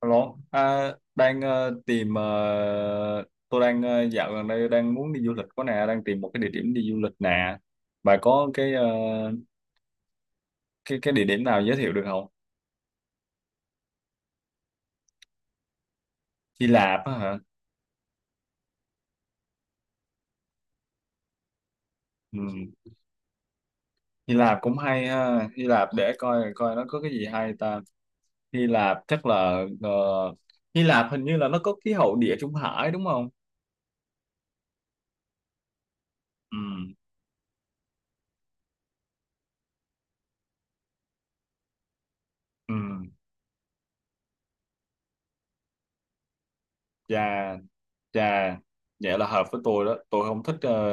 Alo, à, đang ờ, tìm ờ, tôi đang dạo gần đây đang muốn đi du lịch có nè, đang tìm một cái địa điểm đi du lịch nè. Bà có cái địa điểm nào giới thiệu được không? Hy Lạp á hả? Ừ. Hy Lạp cũng hay ha. Hy Lạp để coi coi nó có cái gì hay ta. Hy Lạp chắc là ờ, Hy Lạp hình như là nó có khí hậu Địa Trung Hải đúng không? Ừ. Ừ. Dạ. Chà, vậy là hợp với tôi đó. Tôi không thích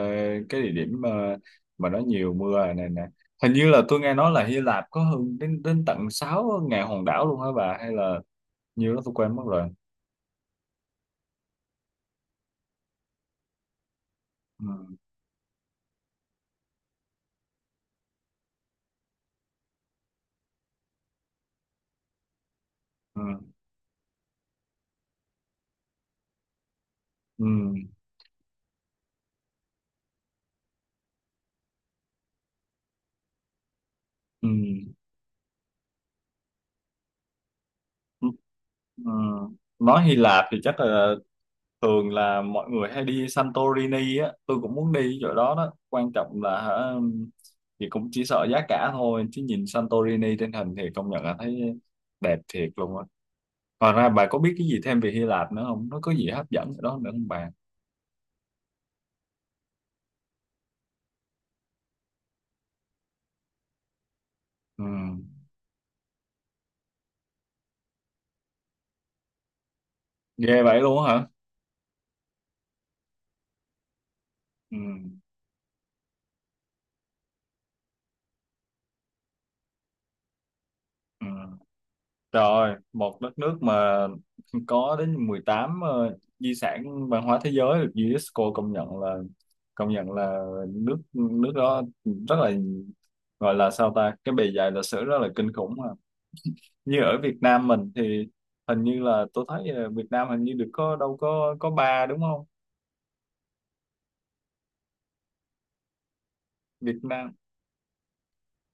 cái địa điểm mà nó nhiều mưa này nè. Hình như là tôi nghe nói là Hy Lạp có hơn đến đến tận 6 ngàn hòn đảo luôn hả bà? Hay là nhiều đó tôi quên mất rồi. Ừ, ừ, ừ, ừ, ừ, ừ. Nói Hy Lạp thì chắc là thường là mọi người hay đi Santorini á. Tôi cũng muốn đi chỗ đó đó. Quan trọng là hả, thì cũng chỉ sợ giá cả thôi. Chứ nhìn Santorini trên hình thì công nhận là thấy đẹp thiệt luôn á. Ngoài ra bà có biết cái gì thêm về Hy Lạp nữa không? Nó có gì hấp dẫn ở đó nữa không bà? Ừ. Ghê vậy luôn á hả? Ừ. Ừ. Rồi, một đất nước mà có đến 18 di sản văn hóa thế giới được UNESCO công nhận là nước nước đó rất là, gọi là sao ta, cái bề dày lịch sử rất là kinh khủng mà. Như ở Việt Nam mình thì hình như là tôi thấy Việt Nam hình như được có đâu có ba đúng không? Việt Nam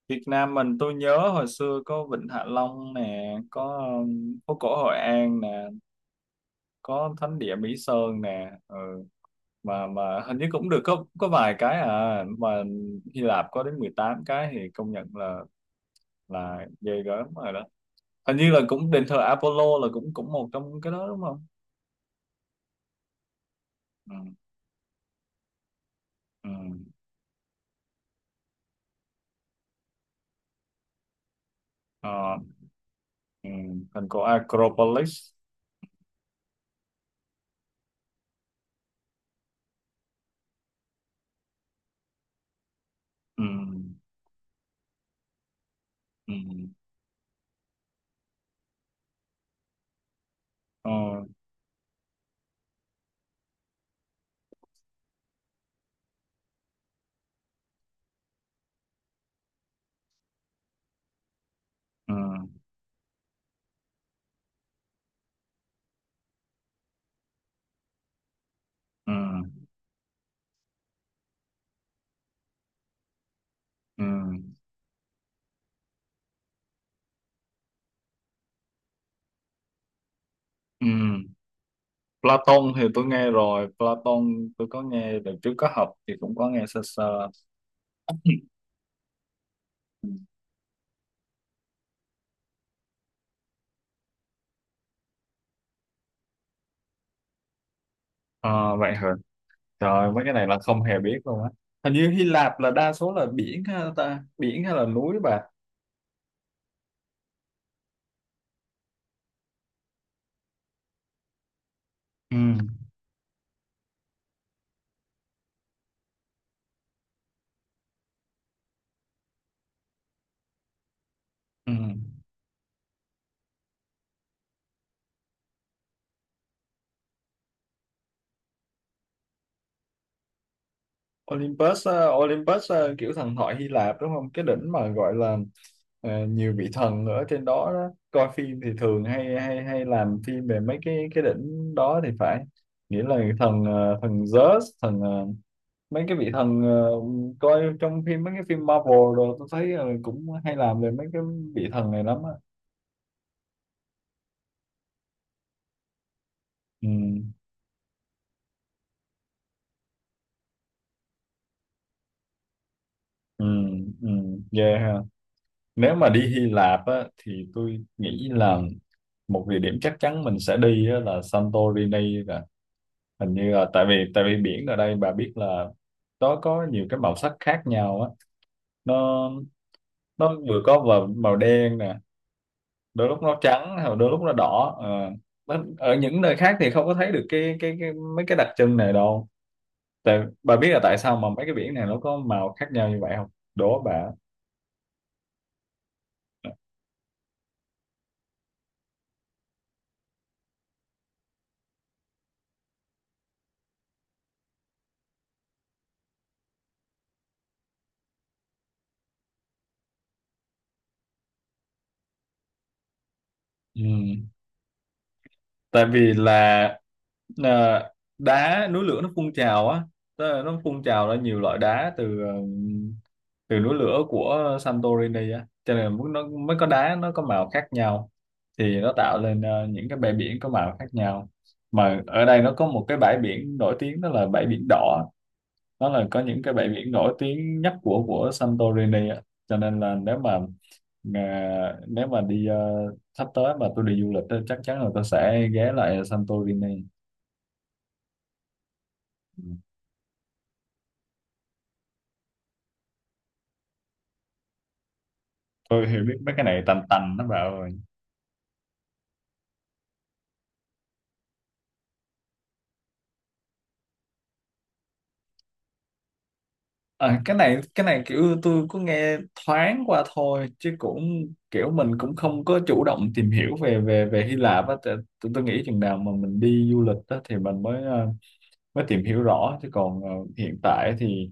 Việt Nam mình tôi nhớ hồi xưa có Vịnh Hạ Long nè, có phố cổ Hội An nè, có thánh địa Mỹ Sơn nè, ừ. Mà hình như cũng được có vài cái mà Hy Lạp có đến 18 cái thì công nhận là ghê gớm rồi đó. Hình như là cũng đền thờ Apollo là cũng cũng một trong cái đó đúng không? Ừ, ừ, ờ, ừ. Thành cổ Acropolis. Ừ, ừ, ờ, ừ, ừ, ừ. Ừ. Platon thì tôi nghe rồi, Platon tôi có nghe được, trước có học thì cũng có nghe sơ sơ. Ờ, vậy hả? Trời, mấy cái này là không hề biết luôn á. Hình như Hy Lạp là đa số là biển ha ta, biển hay là núi bà. Ừ. Ừ. Olympus, Olympus kiểu thần thoại Hy Lạp đúng không? Cái đỉnh mà gọi là nhiều vị thần ở trên đó, đó. Coi phim thì thường hay hay hay làm phim về mấy cái đỉnh đó thì phải. Nghĩa là thần thần Zeus, mấy cái vị thần coi trong phim, mấy cái phim Marvel rồi tôi thấy cũng hay làm về mấy cái vị thần này lắm á. Ừ, ừ, ừ, yeah ha. Nếu mà đi Hy Lạp á thì tôi nghĩ là một địa điểm chắc chắn mình sẽ đi á, là Santorini rồi. Hình như là tại vì biển ở đây, bà biết là nó có nhiều cái màu sắc khác nhau á. nó nó vừa có vào màu đen nè, đôi lúc nó trắng hoặc đôi lúc nó đỏ ờ. Ở những nơi khác thì không có thấy được cái mấy cái đặc trưng này đâu. Tại bà biết là tại sao mà mấy cái biển này nó có màu khác nhau như vậy không? Đố bà. Ừ. Tại vì là à, đá núi lửa nó phun trào á, tức là nó phun trào ra nhiều loại đá từ từ núi lửa của Santorini á, cho nên mới- nó mới có đá nó có màu khác nhau thì nó tạo lên những cái bãi biển có màu khác nhau. Mà ở đây nó có một cái bãi biển nổi tiếng, đó là bãi biển đỏ, đó là có những cái bãi biển nổi tiếng nhất của Santorini ạ. Cho nên là nếu mà nếu mà đi sắp tới mà tôi đi du lịch á, chắc chắn là tôi sẽ ghé lại Santorini. Ừ. Tôi hiểu biết mấy cái này tành tành nó bảo rồi. Cái này kiểu tôi có nghe thoáng qua thôi, chứ cũng kiểu mình cũng không có chủ động tìm hiểu về về về Hy Lạp á. Tại- tôi nghĩ chừng nào mà mình đi du lịch á, thì mình mới mới tìm hiểu rõ, chứ còn hiện tại thì,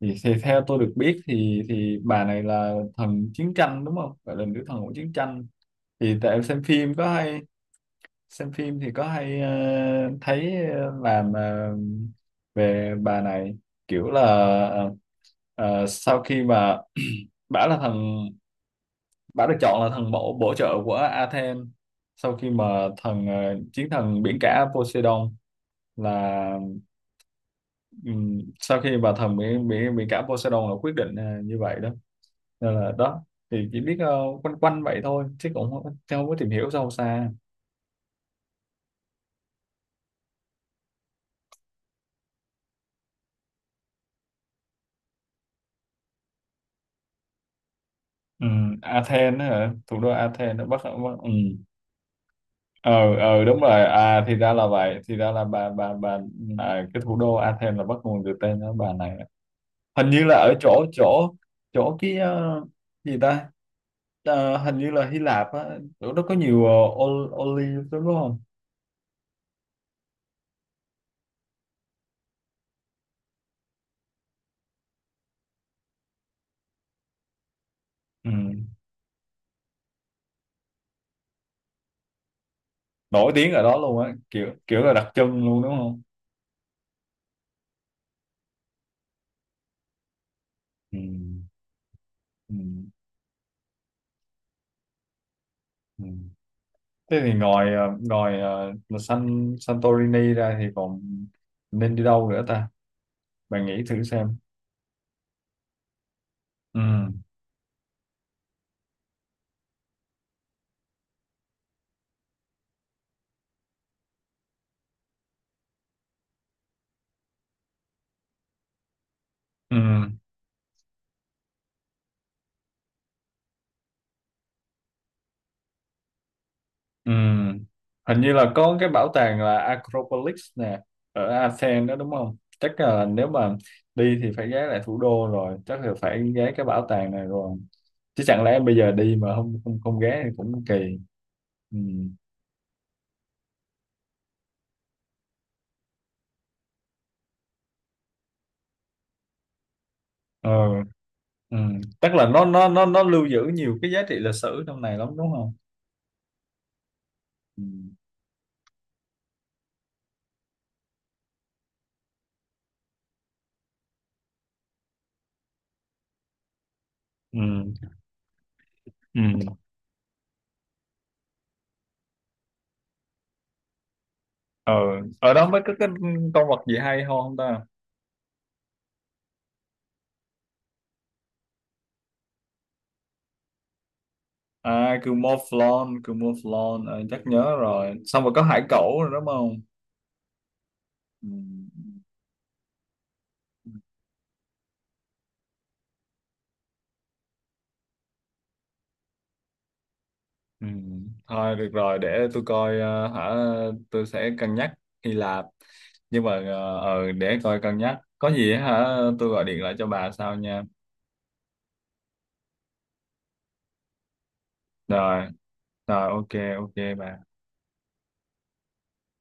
thì theo tôi được biết thì bà này là thần chiến tranh đúng không, gọi là nữ thần của chiến tranh. Thì tại em xem phim có hay xem phim thì có hay thấy làm về bà này kiểu là ờ, sau khi mà bả là thần, bả được chọn là thần bổ bổ trợ của Athens sau khi mà thần chiến thần biển cả Poseidon là Ừ, sau khi bà thần bị cả Poseidon là quyết định như vậy đó, nên là đó thì chỉ biết quanh quanh vậy thôi, chứ cũng không, chứ không có tìm hiểu sâu xa. Ừ, Athens hả, thủ đô Athens ở Bắc. Ừ. Ờ ờ đúng rồi, à thì ra là vậy, thì ra là bà cái thủ đô Athens là bắt nguồn từ tên đó, bà này. Hình như là ở chỗ chỗ chỗ cái gì ta. Ờ, hình như là Hy Lạp á, chỗ đó có nhiều ol- olive đúng không? Ừ. Nổi tiếng ở đó luôn á, kiểu kiểu là đặc trưng luôn đúng không? Ừ. Ừ. Ừ. Thế thì ngoài là Santorini ra thì còn nên đi đâu nữa ta? Bạn nghĩ thử xem. Ừ. Ừ. Ừ. Hình như là có cái bảo tàng là Acropolis nè, ở Athens đó đúng không? Chắc là nếu mà đi thì phải ghé lại thủ đô rồi, chắc là phải ghé cái bảo tàng này rồi, chứ chẳng lẽ bây giờ đi mà không không không ghé thì cũng kỳ. Ừ. Ờ. Ừ. Tức là nó lưu giữ nhiều cái giá trị lịch sử trong này lắm đúng không? Ừ. Ừ. Ừ. Ờ. Ở đó mới có cái con vật gì hay ho không ta? À, Cumoflon, Cumoflon ờ, chắc nhớ rồi, xong rồi có hải cẩu rồi đúng không? Ừ. Ừ. Thôi được rồi, để tôi coi hả, tôi sẽ cân nhắc Hy Lạp, nhưng mà để coi cân nhắc có gì hả, tôi gọi điện lại cho bà sau nha. Rồi rồi ok, ok bà.